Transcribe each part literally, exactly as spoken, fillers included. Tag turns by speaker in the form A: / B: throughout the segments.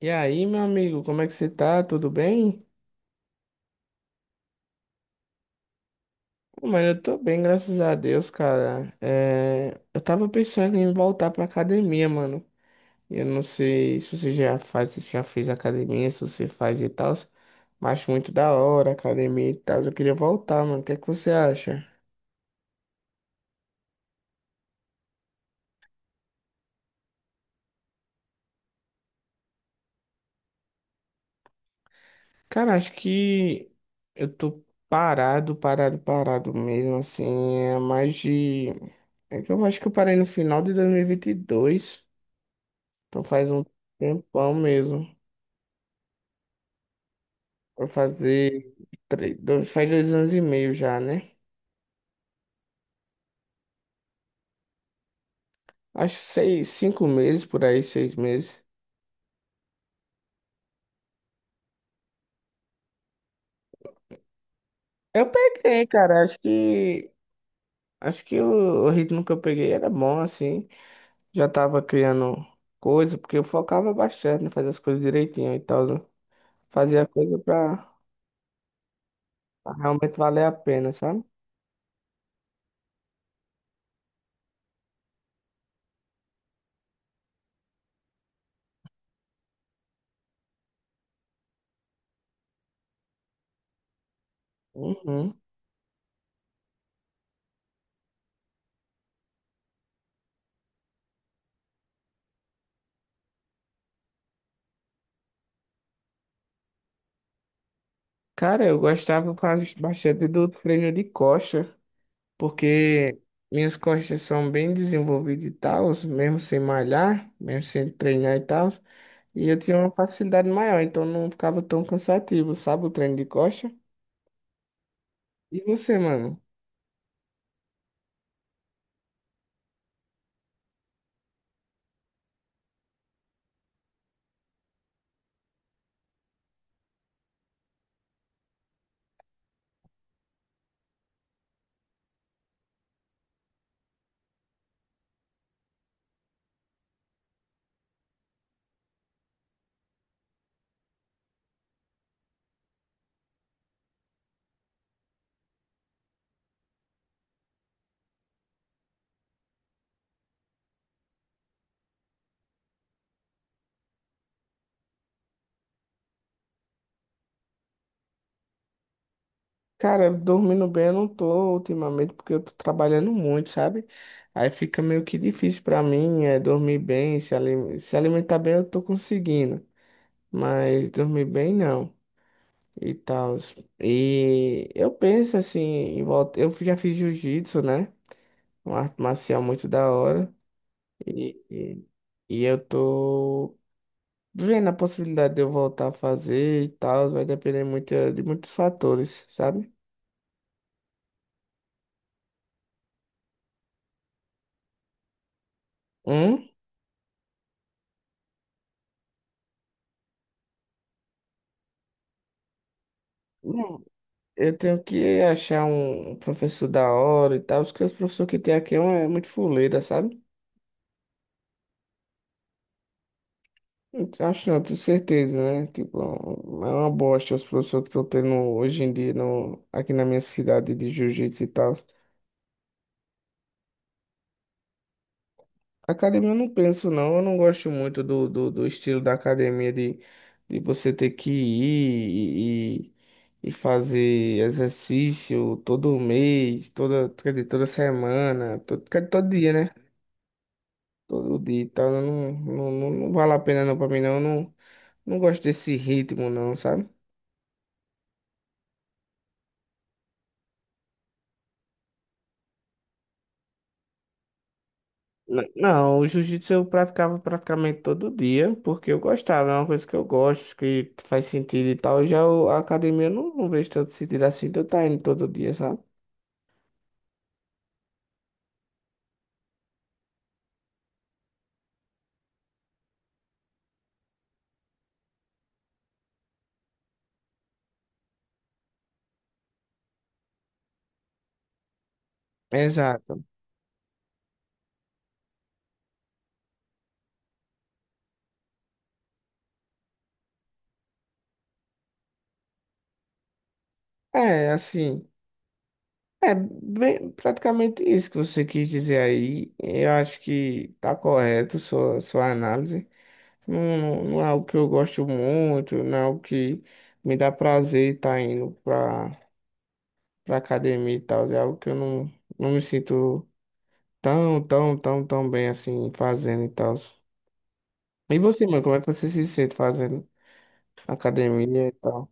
A: E aí, meu amigo, como é que você tá? Tudo bem? Pô, Mano, eu tô bem, graças a Deus, cara. É, Eu tava pensando em voltar pra academia, mano. Eu não sei se você já faz, se já fez academia, se você faz e tal, mas acho muito da hora academia e tal. Eu queria voltar, mano. O que é que você acha? Cara, acho que eu tô parado, parado, parado mesmo, assim, é mais de... é que eu acho que eu parei no final de dois mil e e vinte e dois. Então faz um tempão mesmo. Vai fazer três, dois, Faz dois anos e meio já, né? Acho seis, cinco meses, por aí, seis meses. Eu peguei, cara. Acho que acho que o, o ritmo que eu peguei era bom, assim. Já tava criando coisa, porque eu focava bastante em fazer as coisas direitinho e tal. né? Fazia coisa pra pra realmente valer a pena, sabe? Uhum. Cara, eu gostava quase bastante do treino de coxa. porque minhas costas são bem desenvolvidas e tal, mesmo sem malhar, mesmo sem treinar e tal, e eu tinha uma facilidade maior, então não ficava tão cansativo, sabe, o treino de costa. E você, mano? Cara, dormindo bem eu não tô ultimamente, porque eu tô trabalhando muito, sabe? Aí fica meio que difícil pra mim, é dormir bem, se ali- se alimentar bem eu tô conseguindo, mas dormir bem não. E tal. E eu penso assim, em volta. Eu já fiz jiu-jitsu, né? Uma arte marcial muito da hora. E, e, e eu tô vendo a possibilidade de eu voltar a fazer e tal. Vai depender muito eh, de muitos fatores, sabe? Hum? Não, eu tenho que achar um professor da hora e tal, porque os professores que tem aqui é, um- é muito fuleira, sabe? Então, Acho não, tenho certeza, né? Tipo, é um, é uma bosta os professores que estão tendo hoje em dia no, aqui na minha cidade de jiu-jitsu e tal. Academia eu não penso, não. Eu não gosto muito do, do, do estilo da academia de, de você ter que ir e, e fazer exercício todo mês, toda, quer dizer, toda semana, todo, quer dizer, todo dia, né? Todo dia e tal. Eu Não, não, não, não vale a pena não pra mim, não. Eu não, não gosto desse ritmo, não, sabe? N- Não, o jiu-jitsu eu praticava praticamente todo dia, porque eu gostava, é uma coisa que eu gosto, que faz sentido e tal. Já o- a academia eu não, não vejo tanto sentido assim de eu estar indo todo dia, sabe? Exato. É, assim, é bem, praticamente isso que você quis dizer aí. Eu acho que tá correto sua, sua análise. Não, não, não é algo que eu gosto muito, não é algo que me dá prazer estar indo pra, pra academia e tal. É algo que eu não, não me sinto. Tão, tão, tão, tão bem assim, fazendo e tal. E você, mano, como é que você se sente fazendo academia e tal?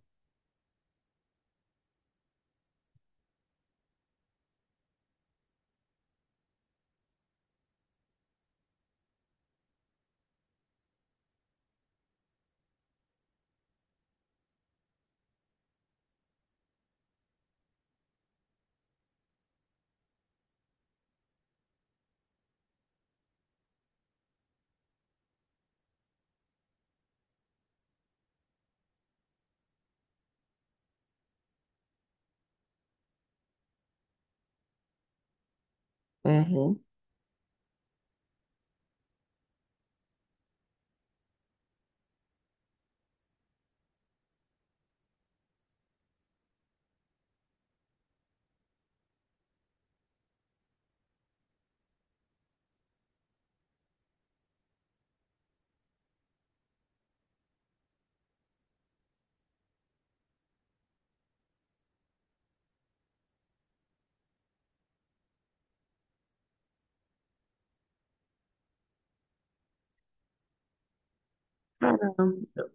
A: Uhum. Caramba.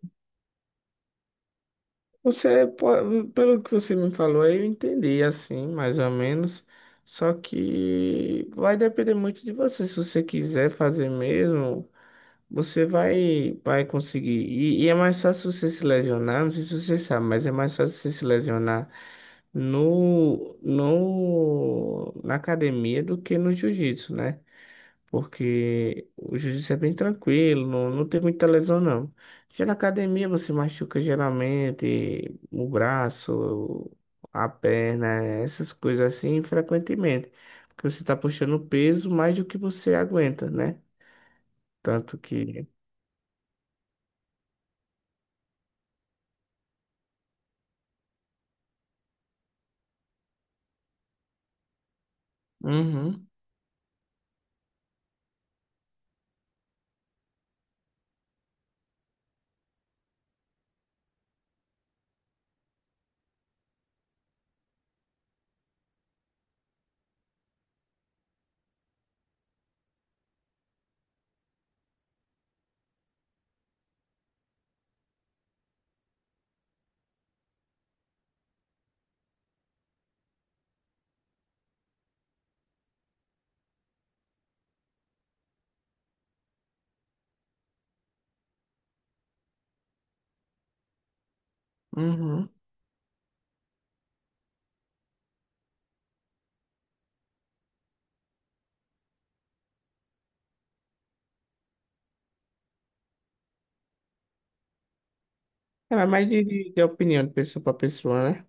A: Você, po- pelo que você me falou, eu entendi assim, mais ou menos. Só que vai depender muito de você. Se você quiser fazer mesmo. Você vai, vai conseguir. E, e é mais fácil você se lesionar, não sei se você sabe, mas é mais fácil você se lesionar no, no, na academia do que no jiu-jitsu, né? Porque o jiu-jitsu é bem tranquilo, não, não tem muita lesão, não. Já na academia você machuca geralmente o braço, a perna, essas coisas assim, frequentemente. Porque você está puxando peso mais do que você aguenta, né? Tanto que. Uhum. Uhum. É, mas é mais de, de opinião de pessoa para pessoa, né?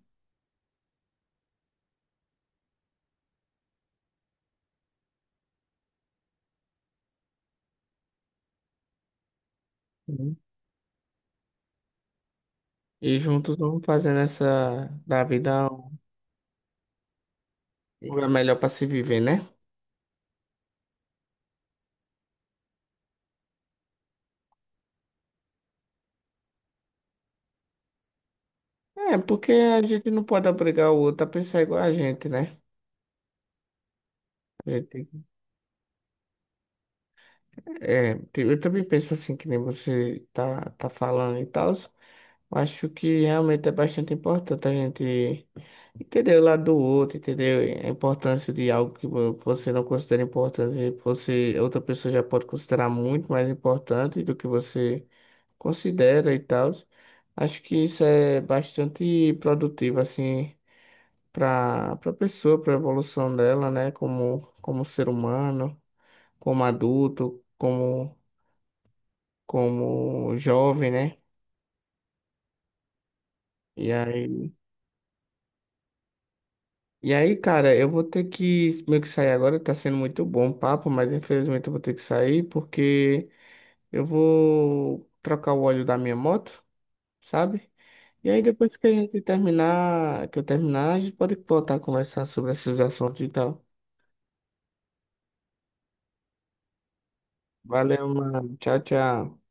A: Uhum. E juntos vamos fazendo essa da vida um lugar melhor para se viver, né? É, porque a gente não pode obrigar o outro a pensar igual a gente, né? A gente tem É, te- Eu também penso assim, que nem você tá, tá falando e tal. Acho que realmente é bastante importante a gente entender o lado do outro, entender a importância de algo que vo- você não considera importante, você, outra pessoa já pode considerar muito mais importante do que você considera e tal. Acho que isso é bastante produtivo, assim, para para pessoa, para a evolução dela, né, como, como ser humano, como adulto, como como jovem, né? E aí, e aí, cara, eu vou ter que meio que sair agora, tá sendo muito bom o papo, mas infelizmente eu vou ter que sair porque eu vou trocar o óleo da minha moto, sabe? E aí depois que a gente terminar, que eu terminar, a gente pode voltar a conversar sobre esses assuntos e tal. Valeu, mano. Tchau, tchau.